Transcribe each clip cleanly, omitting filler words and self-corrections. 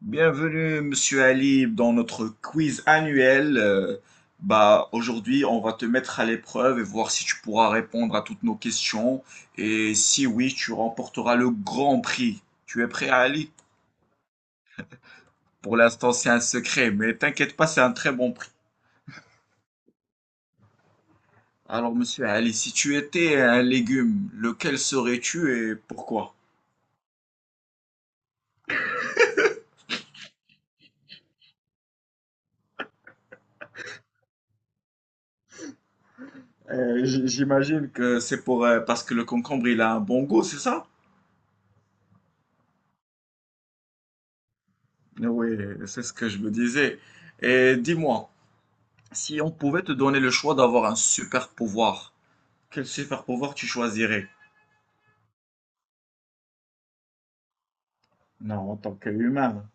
Bienvenue, Monsieur Ali, dans notre quiz annuel. Aujourd'hui, on va te mettre à l'épreuve et voir si tu pourras répondre à toutes nos questions. Et si oui, tu remporteras le grand prix. Tu es prêt, Ali? Pour l'instant, c'est un secret, mais t'inquiète pas, c'est un très bon prix. Alors, Monsieur Ali, si tu étais un légume, lequel serais-tu et pourquoi? J'imagine que c'est pour, parce que le concombre, il a un bon goût, c'est ça? Oui, c'est ce que je me disais. Et dis-moi. Si on pouvait te donner le choix d'avoir un super pouvoir, quel super pouvoir tu choisirais? Non, en tant qu'humain.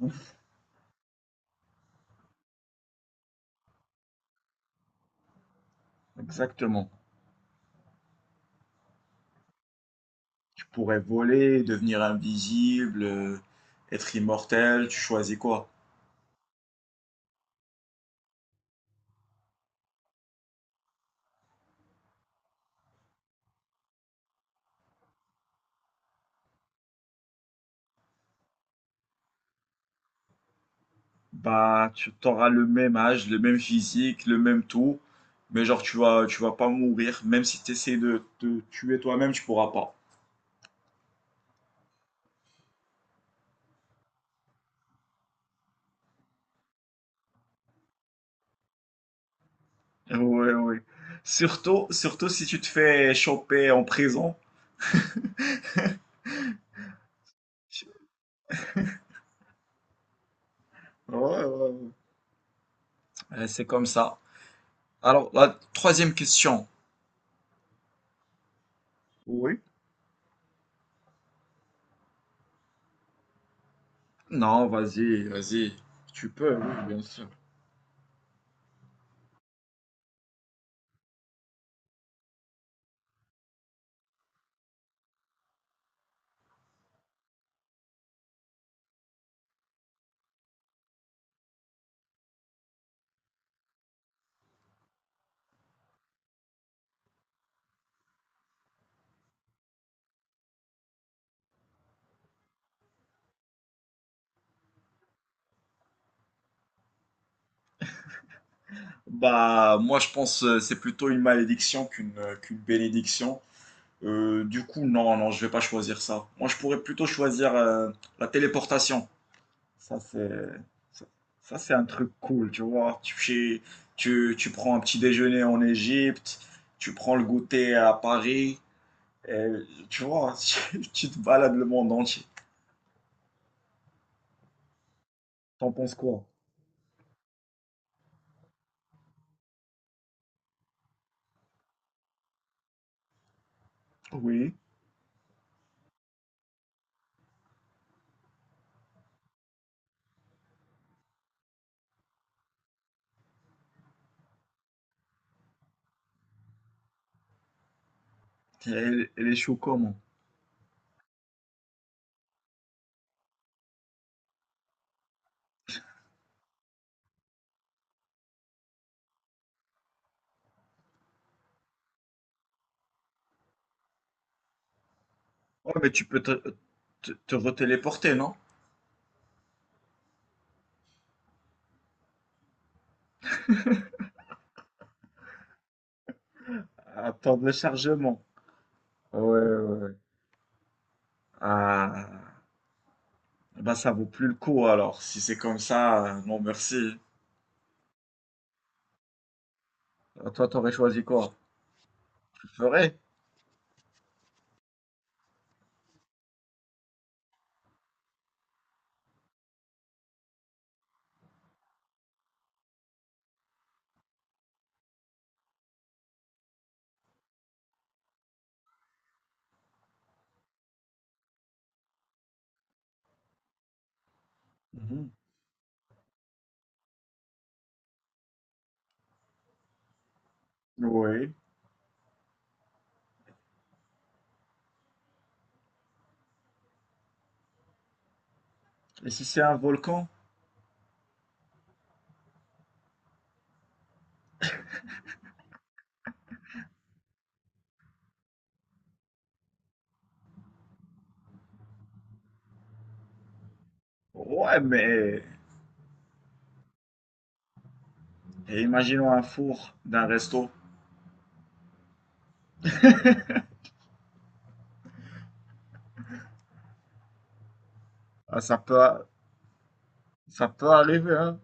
Exactement. Tu pourrais voler, devenir invisible, être immortel, tu choisis quoi? Bah, tu auras le même âge, le même physique, le même tout, mais genre tu vas pas mourir, même si tu essaies de te tuer toi-même, tu pourras pas. Ouais, ouais. Surtout, surtout si tu te fais choper en prison. Ouais, ouais, ouais. C'est comme ça. Alors, la troisième question. Oui. Non, vas-y, vas-y. Tu peux, oui, bien sûr. Bah, moi, je pense c'est plutôt une malédiction qu'une qu'une bénédiction. Du coup, non, non, je vais pas choisir ça. Moi, je pourrais plutôt choisir la téléportation. Ça, c'est ça, ça, c'est un truc cool, tu vois. Tu prends un petit déjeuner en Égypte, tu prends le goûter à Paris, et, tu vois, tu te balades le monde entier. T'en penses quoi? Oui. Elle, elle échoue comment? Ouais, mais tu peux te retéléporter, non? Attendre le chargement. Ouais, ouais, ouais. Ah, bah ça vaut plus le coup alors. Si c'est comme ça, non merci. Toi, t'aurais choisi quoi? Je ferais. Mhm. Oui. Et si c'est un volcan? Ouais, mais et imaginons un four d'un resto. Ah, ça peut arriver, hein.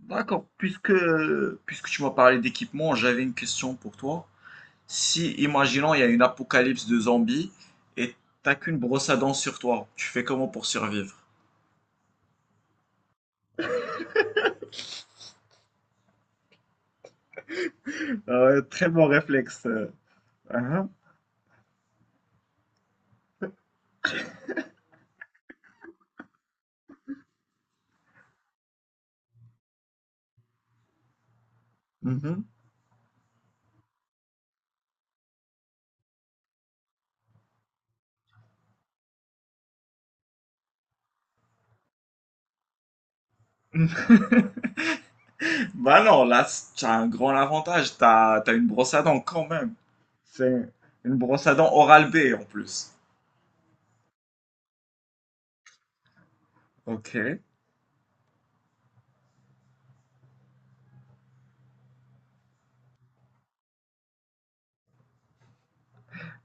D'accord. Puisque tu m'as parlé d'équipement, j'avais une question pour toi. Si, imaginons, il y a une apocalypse de zombies et t'as qu'une brosse à dents sur toi, tu fais comment pour survivre? Bah non, là, t'as un grand avantage, t'as une brosse à dents quand même. C'est une brosse à dents Oral-B en plus. Ok. Et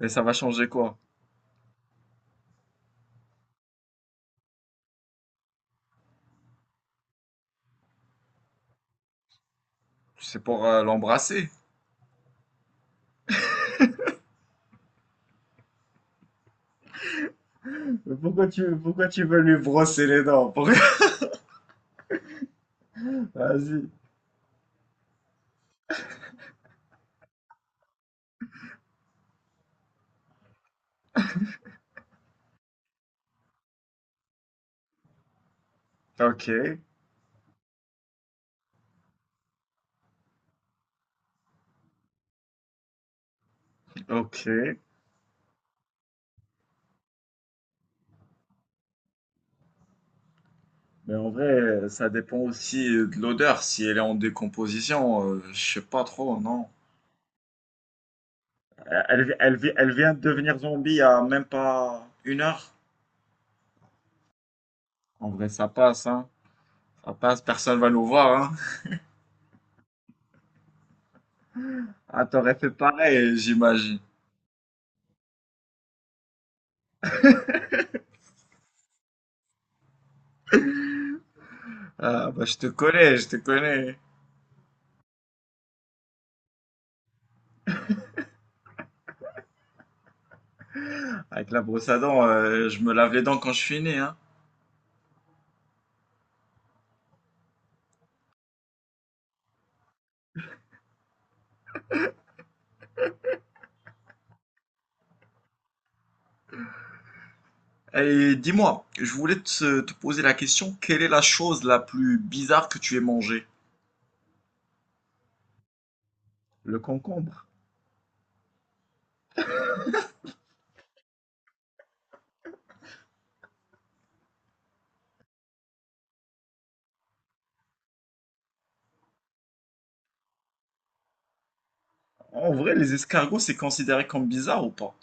ça va changer quoi? C'est pour l'embrasser. Mais pourquoi pourquoi tu veux lui brosser les dents? Pourquoi? Vas-y. Ok, ok. Mais en vrai, ça dépend aussi de l'odeur. Si elle est en décomposition, je sais pas trop, non. Elle vient de devenir zombie il y a même pas une heure. En vrai, ça passe, hein. Ça passe, personne va nous voir, hein. Ah, t'aurais fait pareil, j'imagine. Ah, bah, je te connais, je te connais. Avec la brosse à dents, je me lave les dents quand je finis, hein. Et dis-moi, je voulais te poser la question, quelle est la chose la plus bizarre que tu aies mangée? Le concombre. En vrai, les escargots, c'est considéré comme bizarre ou pas?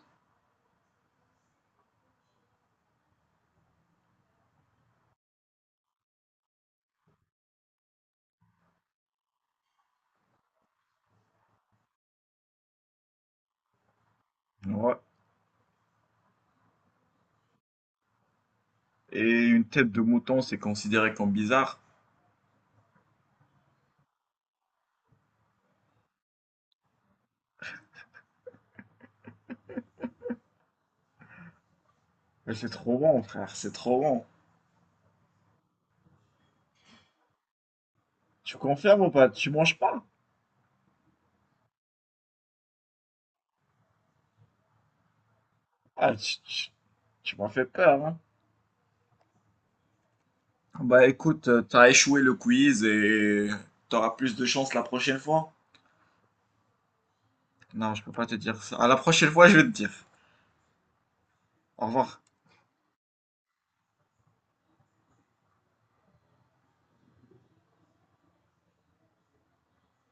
Ouais. Et une tête de mouton, c'est considéré comme bizarre. Mais c'est trop bon, frère, c'est trop bon. Tu confirmes ou pas? Tu manges pas? Ah, tu m'as fait peur, hein. Bah écoute, t'as échoué le quiz et t'auras plus de chance la prochaine fois. Non, je peux pas te dire ça. À la prochaine fois, je vais te dire. Au revoir.